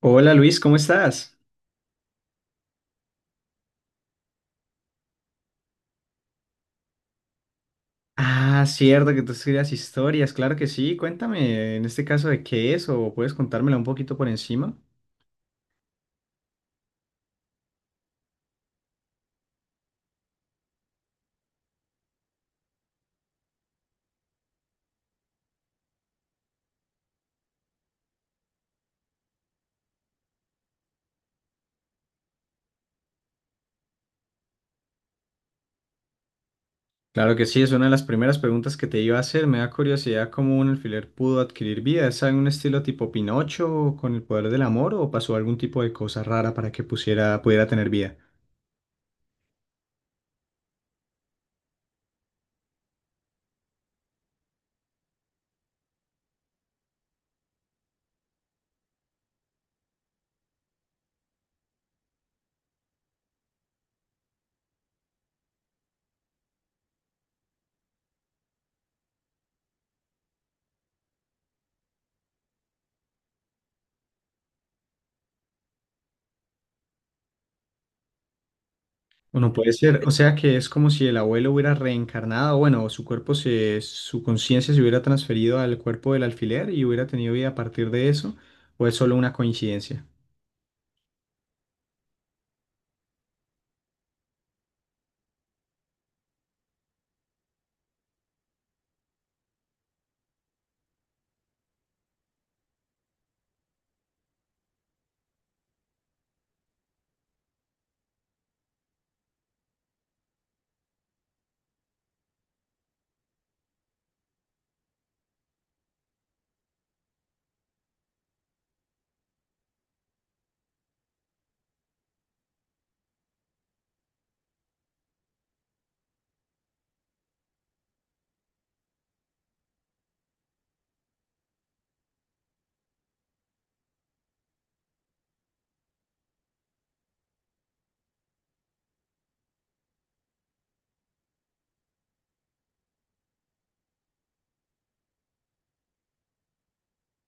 Hola Luis, ¿cómo estás? Ah, cierto que tú estudias historias, claro que sí. Cuéntame en este caso de qué es o puedes contármela un poquito por encima. Claro que sí, es una de las primeras preguntas que te iba a hacer. Me da curiosidad cómo un alfiler pudo adquirir vida. ¿Es algún estilo tipo Pinocho con el poder del amor o pasó algún tipo de cosa rara para que pusiera, pudiera tener vida? Bueno, puede ser. O sea que es como si el abuelo hubiera reencarnado, bueno, su cuerpo se, su conciencia se hubiera transferido al cuerpo del alfiler y hubiera tenido vida a partir de eso, o es solo una coincidencia.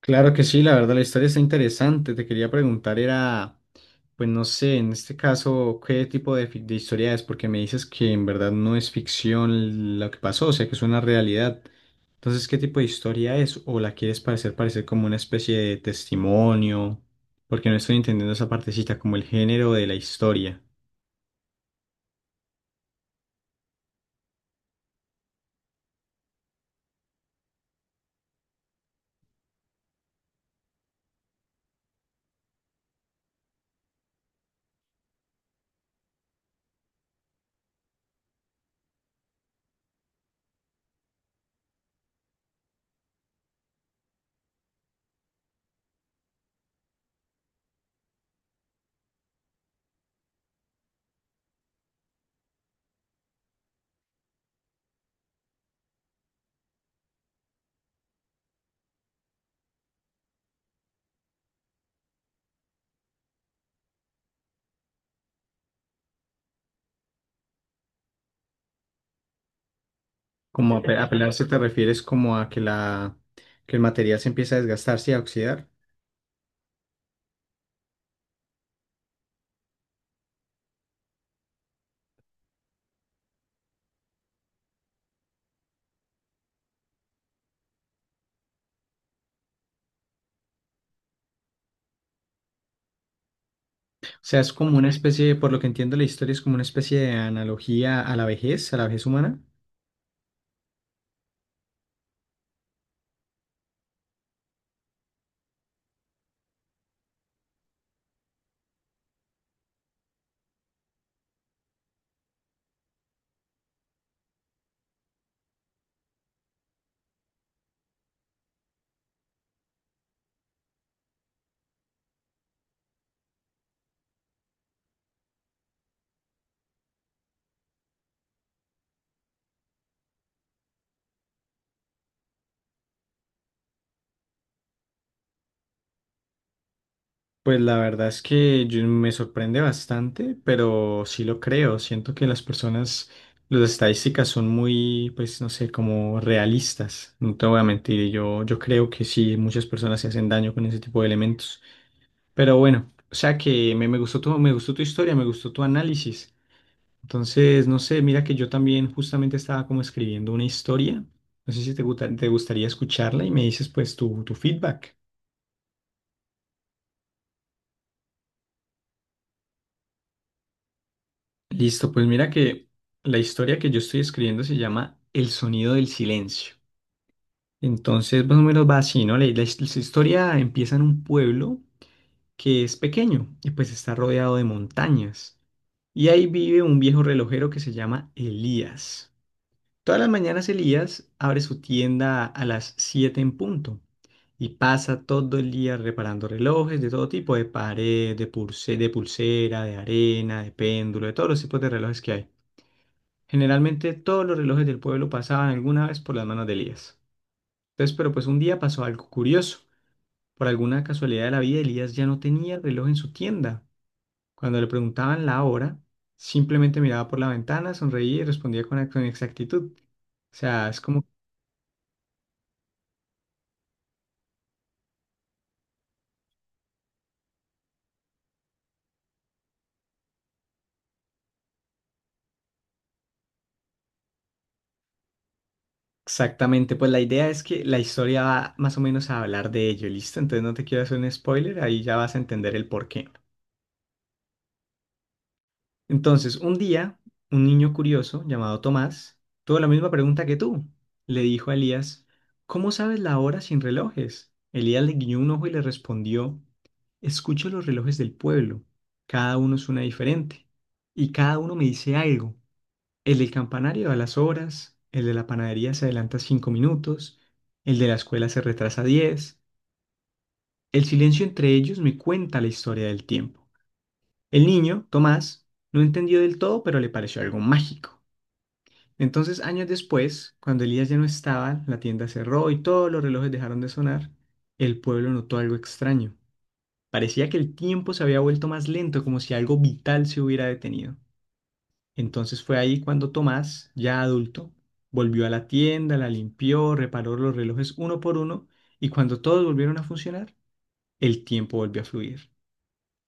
Claro que sí, la verdad, la historia está interesante. Te quería preguntar, era, pues no sé, en este caso, ¿qué tipo de historia es? Porque me dices que en verdad no es ficción lo que pasó, o sea que es una realidad. Entonces, ¿qué tipo de historia es? ¿O la quieres parecer como una especie de testimonio? Porque no estoy entendiendo esa partecita, como el género de la historia. Como apelarse te refieres como a que la que el material se empieza a desgastarse y a oxidar. O sea, es como una especie, por lo que entiendo la historia, es como una especie de analogía a la vejez humana. Pues la verdad es que me sorprende bastante, pero sí lo creo. Siento que las personas, las estadísticas son muy, pues no sé, como realistas. No te voy a mentir, y yo creo que sí, muchas personas se hacen daño con ese tipo de elementos. Pero bueno, o sea que me gustó tu historia, me gustó tu análisis. Entonces, no sé, mira que yo también justamente estaba como escribiendo una historia. No sé si te gustaría escucharla y me dices pues tu feedback. Listo, pues mira que la historia que yo estoy escribiendo se llama El sonido del silencio. Entonces, más o menos va así, ¿no? La historia empieza en un pueblo que es pequeño y pues está rodeado de montañas. Y ahí vive un viejo relojero que se llama Elías. Todas las mañanas Elías abre su tienda a las 7 en punto y pasa todo el día reparando relojes de todo tipo, de pared, de pulsera, de arena, de péndulo, de todos los tipos de relojes que hay. Generalmente todos los relojes del pueblo pasaban alguna vez por las manos de Elías. Entonces, pero pues un día pasó algo curioso. Por alguna casualidad de la vida, Elías ya no tenía el reloj en su tienda. Cuando le preguntaban la hora, simplemente miraba por la ventana, sonreía y respondía con exactitud. O sea, es como exactamente, pues la idea es que la historia va más o menos a hablar de ello, ¿listo? Entonces no te quiero hacer un spoiler, ahí ya vas a entender el porqué. Entonces, un día, un niño curioso llamado Tomás tuvo la misma pregunta que tú. Le dijo a Elías, ¿cómo sabes la hora sin relojes? Elías le guiñó un ojo y le respondió, escucho los relojes del pueblo. Cada uno es suena diferente. Y cada uno me dice algo. El del campanario da las horas, el de la panadería se adelanta 5 minutos, el de la escuela se retrasa 10. El silencio entre ellos me cuenta la historia del tiempo. El niño, Tomás, no entendió del todo, pero le pareció algo mágico. Entonces, años después, cuando Elías ya no estaba, la tienda cerró y todos los relojes dejaron de sonar, el pueblo notó algo extraño. Parecía que el tiempo se había vuelto más lento, como si algo vital se hubiera detenido. Entonces fue ahí cuando Tomás, ya adulto, volvió a la tienda, la limpió, reparó los relojes uno por uno y cuando todos volvieron a funcionar, el tiempo volvió a fluir.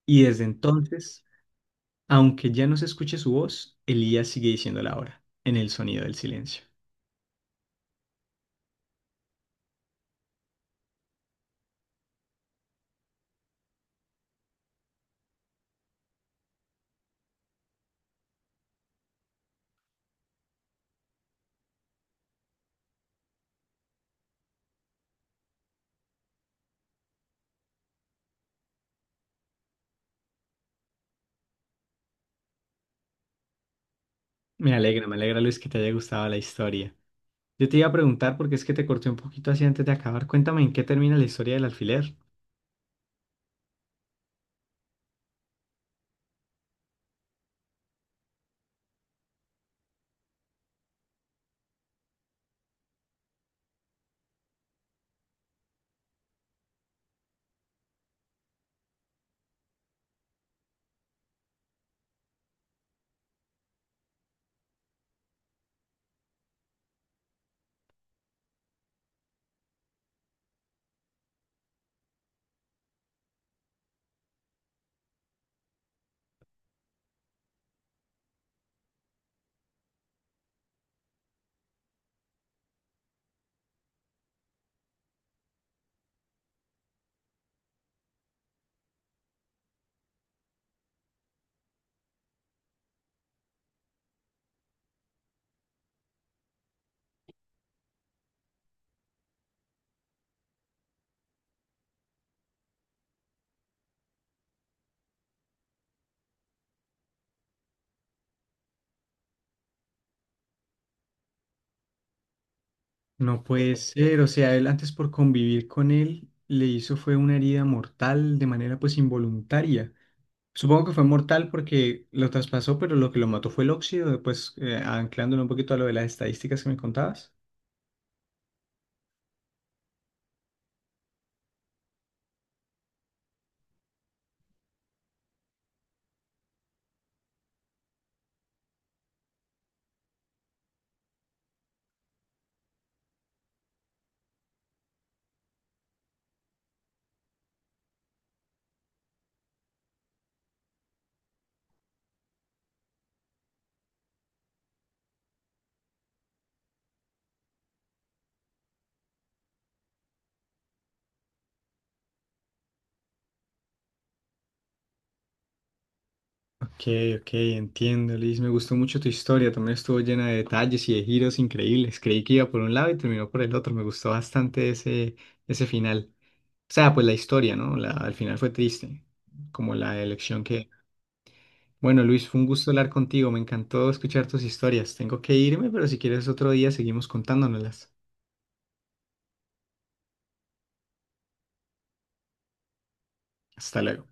Y desde entonces aunque ya no se escuche su voz, Elías sigue diciendo la hora, en el sonido del silencio. Me alegra Luis que te haya gustado la historia. Yo te iba a preguntar porque es que te corté un poquito así antes de acabar. Cuéntame en qué termina la historia del alfiler. No puede ser, o sea, él antes por convivir con él le hizo fue una herida mortal de manera pues involuntaria. Supongo que fue mortal porque lo traspasó, pero lo que lo mató fue el óxido, pues anclándolo un poquito a lo de las estadísticas que me contabas. Ok, ok, entiendo, Liz. Me gustó mucho tu historia. También estuvo llena de detalles y de giros increíbles. Creí que iba por un lado y terminó por el otro. Me gustó bastante ese, ese final. O sea, pues la historia, ¿no? La, al final fue triste, como la elección que... Bueno, Luis, fue un gusto hablar contigo. Me encantó escuchar tus historias. Tengo que irme, pero si quieres otro día seguimos contándonoslas. Hasta luego.